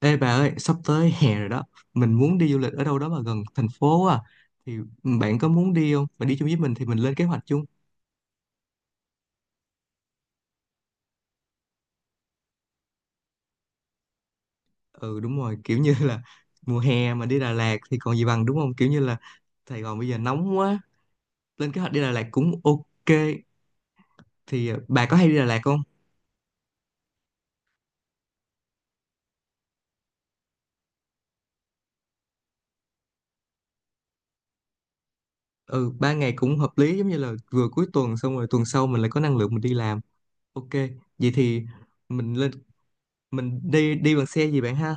Ê bà ơi, sắp tới hè rồi đó. Mình muốn đi du lịch ở đâu đó mà gần thành phố à. Thì bạn có muốn đi không? Bạn đi chung với mình thì mình lên kế hoạch chung. Ừ, đúng rồi, kiểu như là mùa hè mà đi Đà Lạt thì còn gì bằng, đúng không? Kiểu như là Sài Gòn bây giờ nóng quá. Lên kế hoạch đi Đà Lạt cũng ok. Thì bà có hay đi Đà Lạt không? Ừ, 3 ngày cũng hợp lý, giống như là vừa cuối tuần xong rồi tuần sau mình lại có năng lượng mình đi làm. Ok, vậy thì mình lên mình đi đi bằng xe gì bạn ha?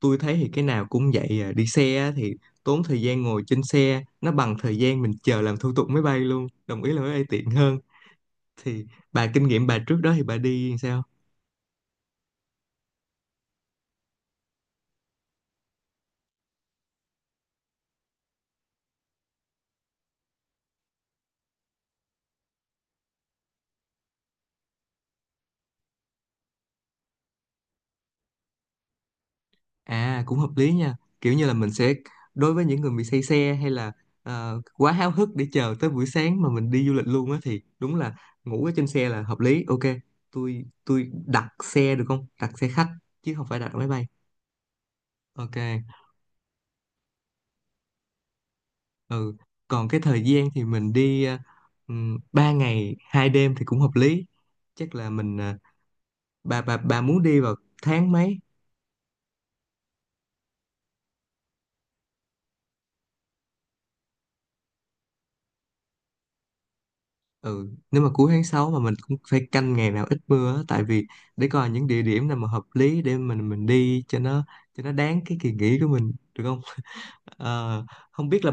Tôi thấy thì cái nào cũng vậy à. Đi xe á thì tốn thời gian ngồi trên xe, nó bằng thời gian mình chờ làm thủ tục máy bay luôn, đồng ý là máy bay tiện hơn. Thì bà kinh nghiệm, bà trước đó thì bà đi sao? À, cũng hợp lý nha, kiểu như là mình sẽ, đối với những người bị say xe hay là quá háo hức để chờ tới buổi sáng mà mình đi du lịch luôn á, thì đúng là ngủ ở trên xe là hợp lý. Ok, tôi đặt xe được không, đặt xe khách chứ không phải đặt máy bay. Ok. Ừ. Còn cái thời gian thì mình đi 3 ngày 2 đêm thì cũng hợp lý. Chắc là mình bà muốn đi vào tháng mấy? Ừ, nếu mà cuối tháng 6 mà mình cũng phải canh ngày nào ít mưa á, tại vì để coi những địa điểm nào mà hợp lý để mình đi cho nó đáng cái kỳ nghỉ của mình, được không? Ờ, Không biết là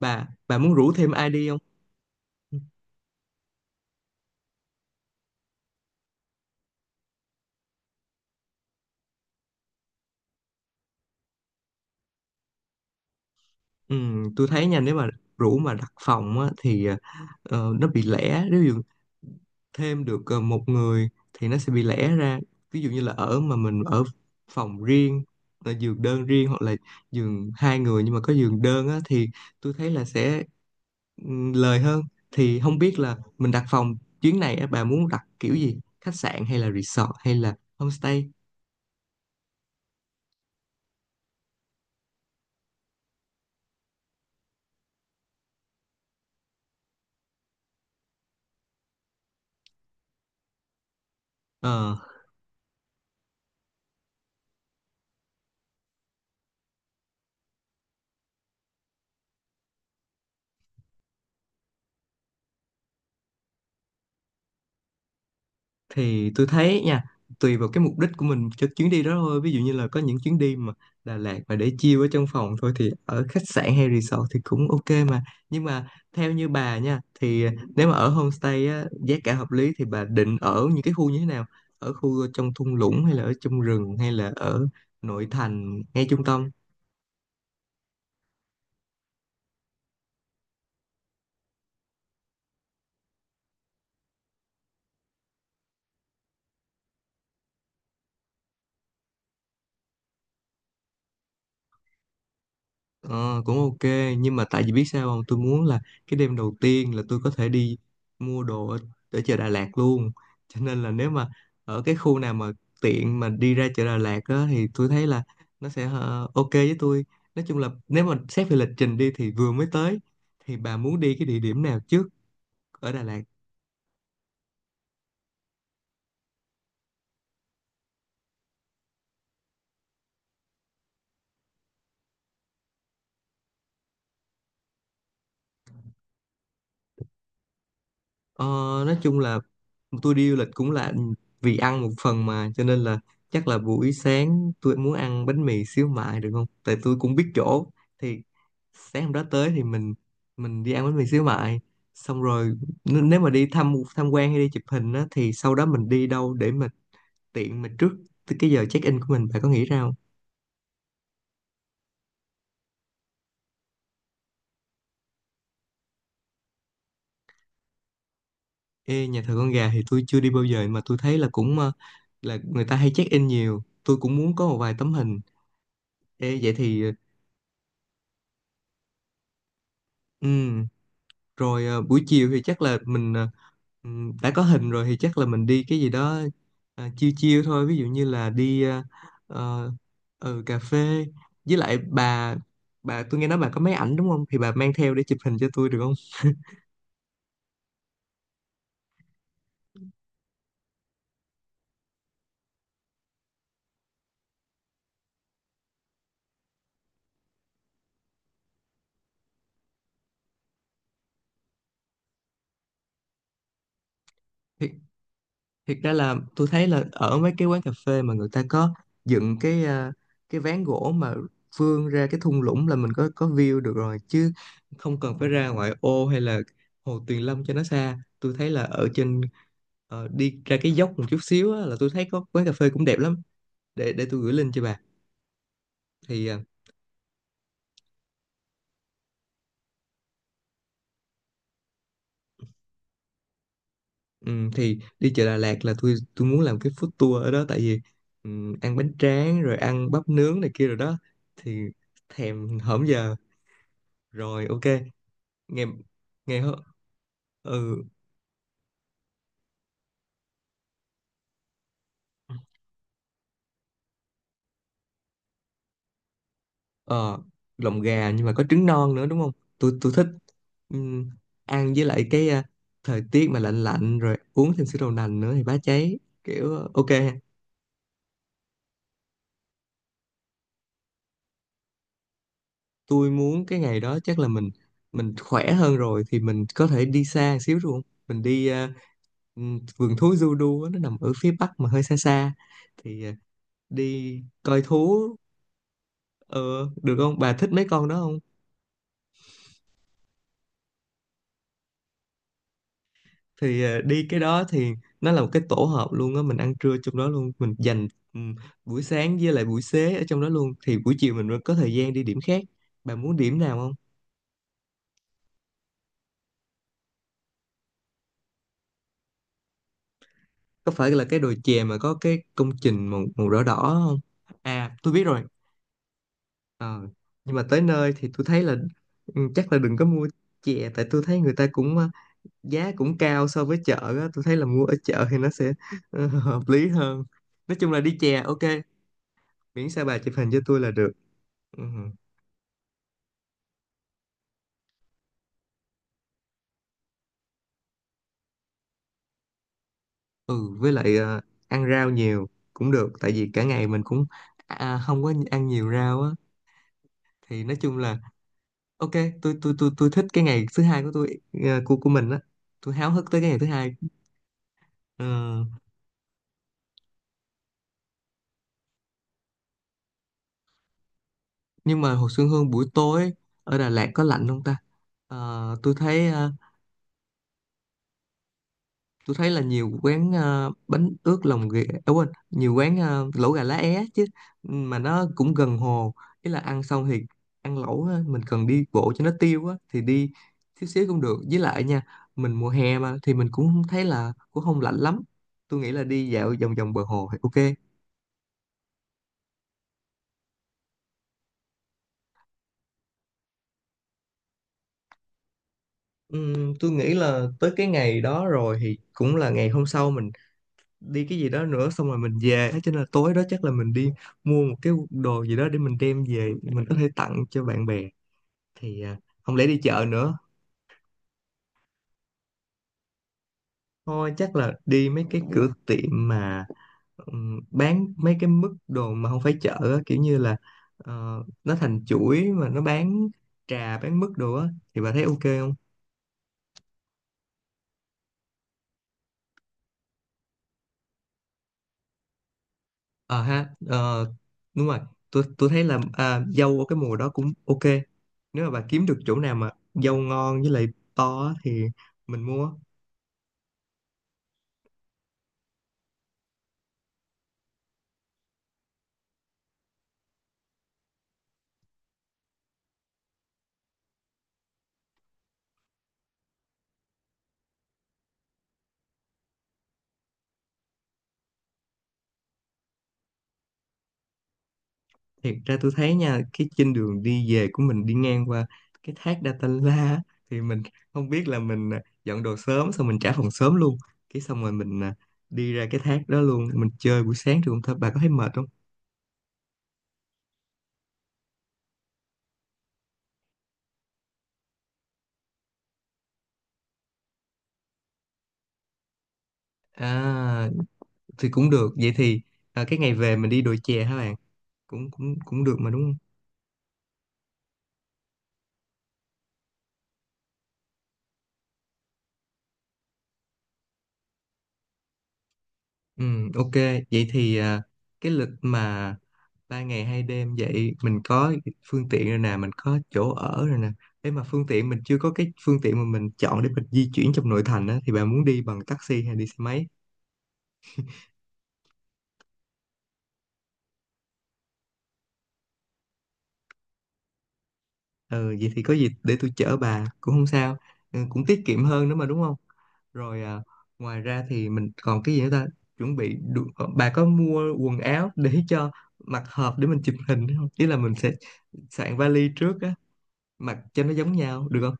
bà muốn rủ thêm ai đi không? Ừ, tôi thấy nha, nếu mà rủ mà đặt phòng á, thì nó bị lẻ, nếu thêm được một người thì nó sẽ bị lẻ ra. Ví dụ như là ở, mà mình ở phòng riêng, là giường đơn riêng hoặc là giường hai người nhưng mà có giường đơn á, thì tôi thấy là sẽ lời hơn. Thì không biết là mình đặt phòng chuyến này á, bà muốn đặt kiểu gì, khách sạn hay là resort hay là homestay? Ờ thì tôi thấy nha, tùy vào cái mục đích của mình cho chuyến đi đó thôi. Ví dụ như là có những chuyến đi mà Đà Lạt mà để chill ở trong phòng thôi thì ở khách sạn hay resort thì cũng ok, mà nhưng mà theo như bà nha, thì nếu mà ở homestay á, giá cả hợp lý, thì bà định ở những cái khu như thế nào? Ở khu trong thung lũng hay là ở trong rừng hay là ở nội thành ngay trung tâm? Ờ, cũng ok, nhưng mà tại vì biết sao không, tôi muốn là cái đêm đầu tiên là tôi có thể đi mua đồ ở chợ Đà Lạt luôn. Cho nên là nếu mà ở cái khu nào mà tiện mà đi ra chợ Đà Lạt á, thì tôi thấy là nó sẽ ok với tôi. Nói chung là nếu mà xét về lịch trình đi, thì vừa mới tới thì bà muốn đi cái địa điểm nào trước ở Đà Lạt? Ờ, nói chung là tôi đi du lịch cũng là vì ăn một phần, mà cho nên là chắc là buổi sáng tôi muốn ăn bánh mì xíu mại được không? Tại tôi cũng biết chỗ. Thì sáng hôm đó tới thì mình đi ăn bánh mì xíu mại, xong rồi nếu mà đi thăm tham quan hay đi chụp hình á, thì sau đó mình đi đâu để mà tiện, mà trước tới cái giờ check-in của mình, bạn có nghĩ ra không? Ê, nhà thờ con gà thì tôi chưa đi bao giờ mà tôi thấy là cũng là người ta hay check-in nhiều, tôi cũng muốn có một vài tấm hình. Ê, vậy thì ừ, rồi buổi chiều thì chắc là mình đã có hình rồi thì chắc là mình đi cái gì đó chill chill thôi, ví dụ như là đi ờ, cà phê, với lại bà tôi nghe nói bà có máy ảnh đúng không, thì bà mang theo để chụp hình cho tôi được không? Thiệt ra là tôi thấy là ở mấy cái quán cà phê mà người ta có dựng cái ván gỗ mà vươn ra cái thung lũng, là mình có view được rồi chứ không cần phải ra ngoại ô hay là Hồ Tuyền Lâm cho nó xa. Tôi thấy là ở trên, đi ra cái dốc một chút xíu á, là tôi thấy có quán cà phê cũng đẹp lắm. Để tôi gửi link cho bà. Thì à, thì đi chợ Đà Lạt là tôi muốn làm cái food tour ở đó, tại vì ăn bánh tráng rồi ăn bắp nướng này kia rồi đó, thì thèm hổm giờ. Rồi ok. nghe nghe hơ- Ừ, ờ lòng gà nhưng mà có trứng non nữa đúng không? Tôi thích. Ừm, ăn với lại thời tiết mà lạnh lạnh rồi uống thêm sữa đậu nành nữa thì bá cháy, kiểu ok. Tôi muốn cái ngày đó chắc là mình khỏe hơn rồi thì mình có thể đi xa xíu đúng không, mình đi vườn thú Zudu á, nó nằm ở phía bắc mà hơi xa xa, thì đi coi thú ờ, được không, bà thích mấy con đó không? Thì đi cái đó thì nó là một cái tổ hợp luôn á, mình ăn trưa trong đó luôn, mình dành buổi sáng với lại buổi xế ở trong đó luôn, thì buổi chiều mình mới có thời gian đi điểm khác, bà muốn điểm nào không? Có phải là cái đồi chè mà có cái công trình màu màu đỏ đỏ không? À, tôi biết rồi. Ờ, nhưng mà tới nơi thì tôi thấy là chắc là đừng có mua chè, tại tôi thấy người ta cũng giá cũng cao so với chợ á, tôi thấy là mua ở chợ thì nó sẽ hợp lý hơn. Nói chung là đi chè ok, miễn sao bà chụp hình cho tôi là được. Ừ. Ừ, với lại ăn rau nhiều cũng được tại vì cả ngày mình cũng không có ăn nhiều rau á, thì nói chung là ok. Tôi thích cái ngày thứ hai của tôi, của mình á, tôi háo hức tới cái ngày thứ hai. Ờ, nhưng mà hồ Xuân Hương buổi tối ở Đà Lạt có lạnh không ta? Ờ, tôi thấy ờ, tôi thấy là nhiều quán bánh ướt lòng ghẹ, à quên, nhiều quán lẩu gà lá é chứ, mà nó cũng gần hồ. Ý là ăn xong thì ăn lẩu á, mình cần đi bộ cho nó tiêu á, thì đi xíu xíu cũng được. Với lại nha, mình mùa hè mà, thì mình cũng không thấy là, cũng không lạnh lắm. Tôi nghĩ là đi dạo vòng vòng bờ hồ thì ok. Tôi nghĩ là tới cái ngày đó rồi thì cũng là ngày hôm sau mình đi cái gì đó nữa xong rồi mình về, thế cho nên là tối đó chắc là mình đi mua một cái đồ gì đó để mình đem về, mình có thể tặng cho bạn bè. Thì không lẽ đi chợ nữa? Thôi chắc là đi mấy cái cửa tiệm mà bán mấy cái mức đồ mà không phải chợ á, kiểu như là ờ, nó thành chuỗi mà nó bán trà, bán mức đồ á, thì bà thấy ok không? Ờ ha ờ, đúng rồi, tôi thấy là dâu ở cái mùa đó cũng ok. Nếu mà bà kiếm được chỗ nào mà dâu ngon với lại to á thì mình mua. Thiệt ra tôi thấy nha, cái trên đường đi về của mình đi ngang qua cái thác Datanla á, thì mình không biết là mình, dọn đồ sớm xong mình trả phòng sớm luôn, cái xong rồi mình đi ra cái thác đó luôn, mình chơi buổi sáng trường thôi, bà có thấy mệt không? À, thì cũng được. Vậy thì cái ngày về mình đi đồi chè hả bạn, cũng cũng cũng được mà đúng không? Ừ, ok, vậy thì cái lịch mà 3 ngày 2 đêm vậy, mình có phương tiện rồi nè, mình có chỗ ở rồi nè. Thế mà phương tiện, mình chưa có cái phương tiện mà mình chọn để mình di chuyển trong nội thành á, thì bà muốn đi bằng taxi hay đi xe máy? Ừ, vậy thì có gì để tôi chở bà cũng không sao, ừ, cũng tiết kiệm hơn nữa mà đúng không? Rồi, ngoài ra thì mình còn cái gì nữa ta? Chuẩn bị đủ- ờ, Bà có mua quần áo để cho mặc hợp để mình chụp hình không? Ý là mình sẽ soạn vali trước, mặc cho nó giống nhau được không?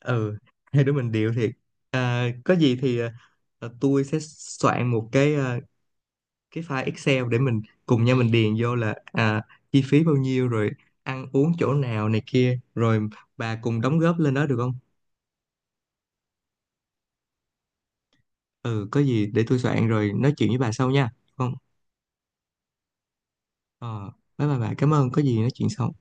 Ừ, hai đứa mình điệu thiệt. Có gì thì tôi sẽ soạn một cái file Excel để mình cùng nhau mình điền vô là chi phí bao nhiêu rồi ăn uống chỗ nào này kia rồi, bà cùng đóng góp lên đó được không? Ừ, có gì để tôi soạn rồi nói chuyện với bà sau nha. Không. ờ Bye bye bà, cảm ơn, có gì nói chuyện sau.